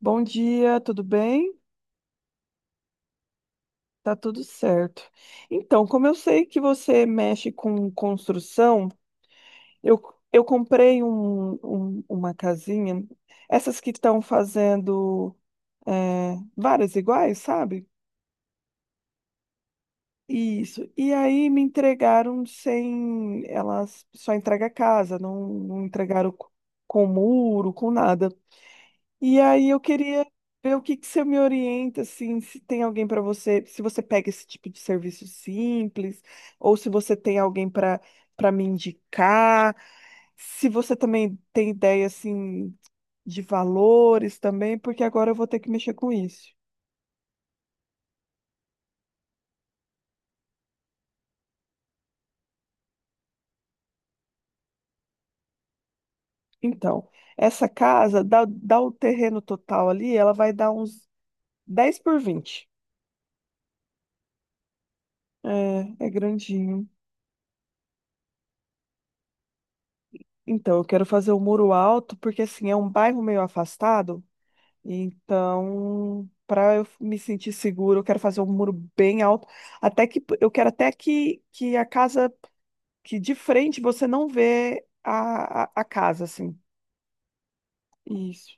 Bom dia, tudo bem? Tá tudo certo. Então, como eu sei que você mexe com construção, eu, eu comprei uma casinha, essas que estão fazendo várias iguais, sabe? Isso. E aí me entregaram sem. Elas só entregam a casa, não entregaram com muro, com nada. E aí eu queria ver o que que você me orienta, assim, se tem alguém para você, se você pega esse tipo de serviço simples, ou se você tem alguém para me indicar, se você também tem ideia, assim, de valores também, porque agora eu vou ter que mexer com isso. Então, essa casa, dá o terreno total ali, ela vai dar uns 10 por 20. É, é grandinho. Então, eu quero fazer o muro alto, porque assim, é um bairro meio afastado. Então, para eu me sentir seguro, eu quero fazer um muro bem alto, até que eu quero até que a casa, que de frente você não vê a casa, assim. Isso.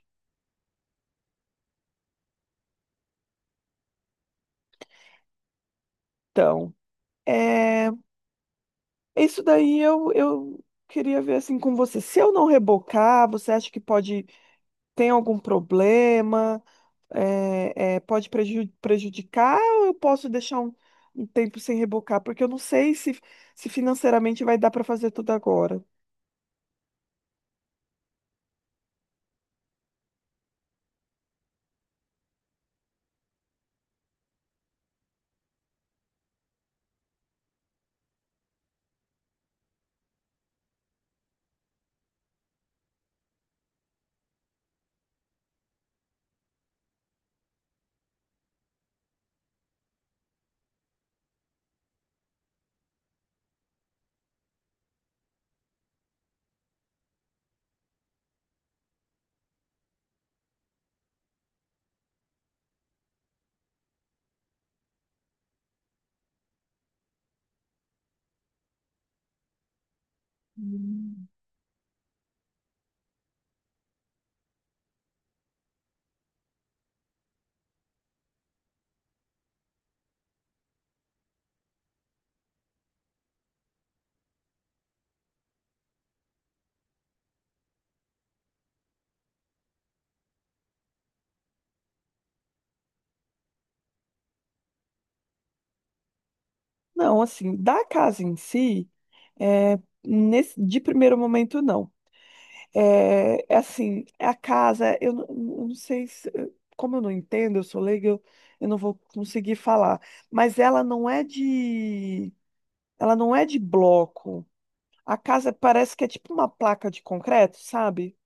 Então, é, isso daí eu queria ver assim com você. Se eu não rebocar, você acha que pode tem algum problema? Pode prejudicar ou eu posso deixar um, um tempo sem rebocar? Porque eu não sei se, se financeiramente vai dar para fazer tudo agora. Hum. Não, assim, da casa em si, é, nesse, de primeiro momento, não. É, é assim, a casa, eu não sei se, como eu não entendo, eu sou leiga, eu não vou conseguir falar. Mas ela não é de, ela não é de bloco. A casa parece que é tipo uma placa de concreto, sabe?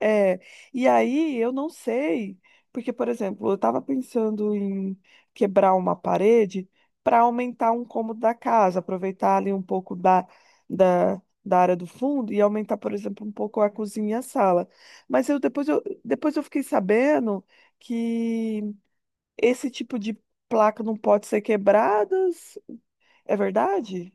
É, e aí eu não sei, porque, por exemplo, eu estava pensando em quebrar uma parede para aumentar um cômodo da casa, aproveitar ali um pouco da área do fundo e aumentar, por exemplo, um pouco a cozinha e a sala. Mas depois eu fiquei sabendo que esse tipo de placa não pode ser quebrada. É verdade?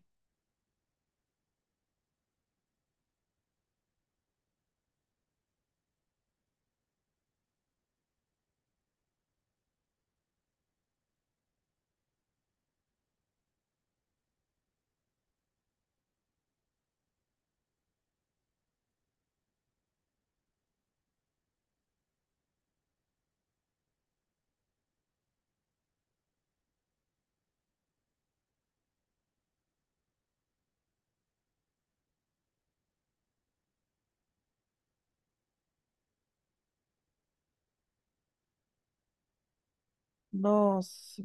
Nossa.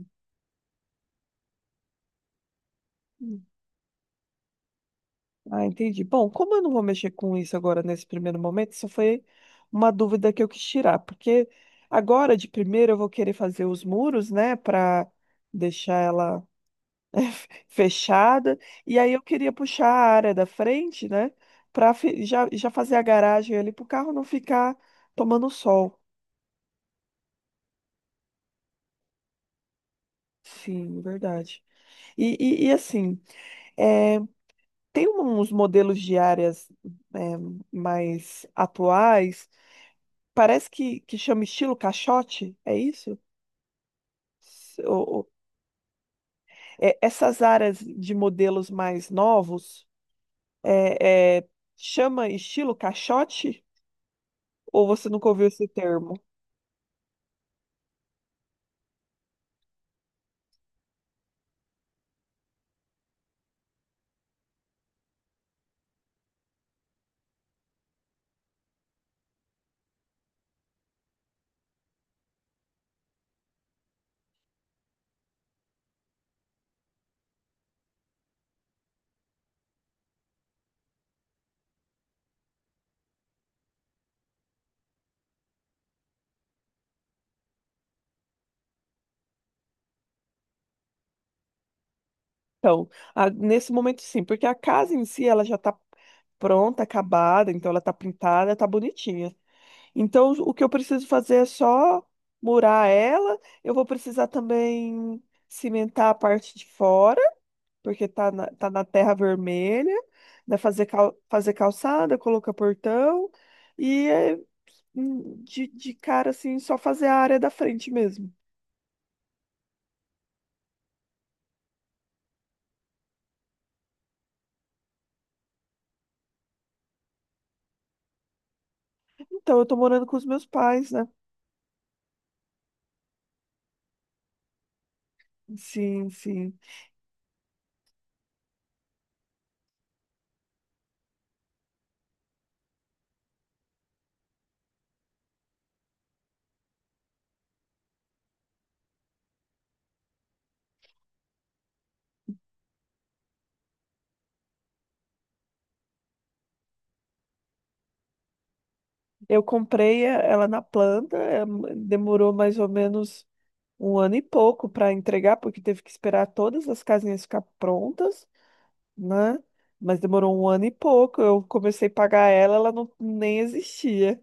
Ah, entendi. Bom, como eu não vou mexer com isso agora nesse primeiro momento, isso foi uma dúvida que eu quis tirar, porque agora de primeiro eu vou querer fazer os muros, né, para deixar ela fechada, e aí eu queria puxar a área da frente, né, para já fazer a garagem ali para o carro não ficar tomando sol. Sim, verdade. E assim, é, tem uns modelos de áreas é, mais atuais. Parece que chama estilo caixote, é isso? S- o- o- essas áreas de modelos mais novos, é, é, chama estilo caixote? Ou você nunca ouviu esse termo? Então, nesse momento sim, porque a casa em si ela já está pronta, acabada, então ela está pintada, está bonitinha. Então, o que eu preciso fazer é só murar ela. Eu vou precisar também cimentar a parte de fora, porque tá na terra vermelha, né? Fazer, cal, fazer calçada, colocar portão e de cara assim, só fazer a área da frente mesmo. Então, eu tô morando com os meus pais, né? Sim, sim. Eu comprei ela na planta, é, demorou mais ou menos 1 ano e pouco para entregar, porque teve que esperar todas as casinhas ficar prontas, né? Mas demorou 1 ano e pouco. Eu comecei a pagar ela, ela não, nem existia.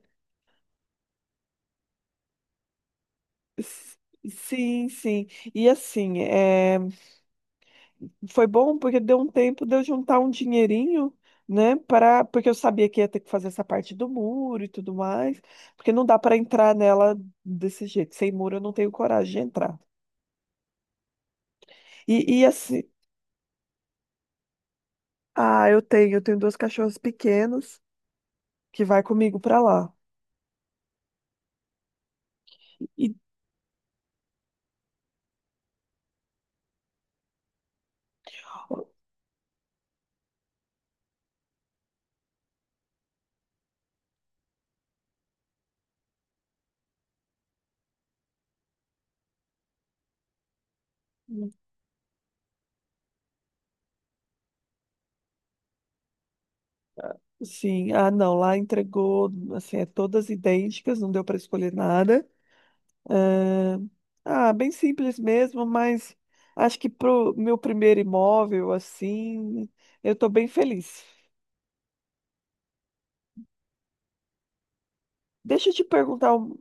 S- Sim, sim. E assim, é, foi bom porque deu um tempo de eu juntar um dinheirinho, né? Para, porque eu sabia que ia ter que fazer essa parte do muro e tudo mais, porque não dá para entrar nela desse jeito. Sem muro eu não tenho coragem de entrar. E assim, ah, eu tenho 2 cachorras pequenas que vai comigo para lá. E sim, ah, não, lá entregou, assim, é todas idênticas, não deu para escolher nada. Ah, ah, bem simples mesmo, mas acho que pro meu primeiro imóvel, assim, eu tô bem feliz. Deixa eu te perguntar um-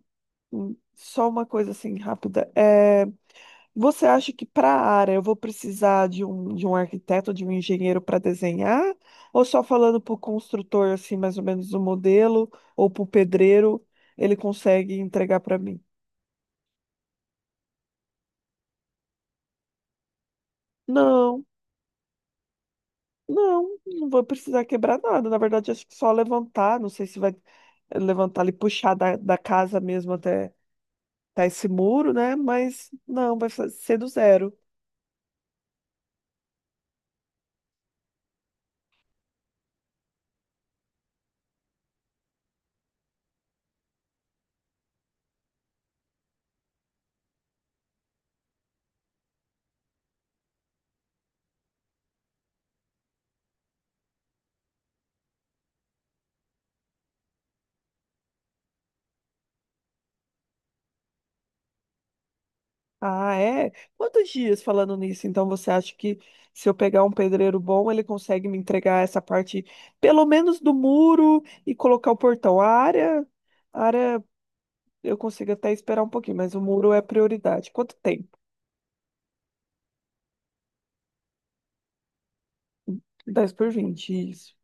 um- só uma coisa assim rápida. É, você acha que para a área eu vou precisar de de um arquiteto, de um engenheiro para desenhar? Ou só falando para o construtor, assim, mais ou menos o modelo, ou para o pedreiro, ele consegue entregar para mim? Não. Não, não vou precisar quebrar nada. Na verdade, acho que só levantar. Não sei se vai levantar e puxar da casa mesmo até, até esse muro, né? Mas não, vai ser do zero. Ah, é? Quantos dias falando nisso? Então, você acha que se eu pegar um pedreiro bom, ele consegue me entregar essa parte, pelo menos do muro, e colocar o portão? A área eu consigo até esperar um pouquinho, mas o muro é prioridade. Quanto tempo? 10 por 20 isso.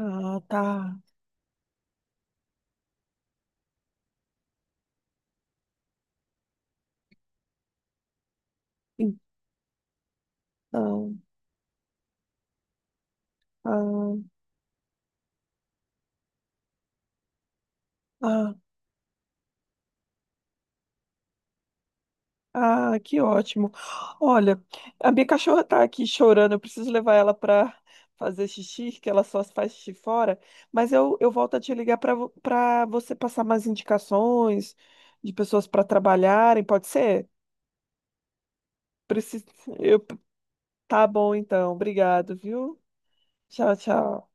Ah, tá. Então. Ah, ah, ah, que ótimo. Olha, a minha cachorra tá aqui chorando, eu preciso levar ela para fazer xixi, que ela só faz xixi fora, mas eu volto a te ligar para você passar mais indicações de pessoas para trabalharem, pode ser? Preciso, eu, tá bom então, obrigado, viu? Tchau, tchau.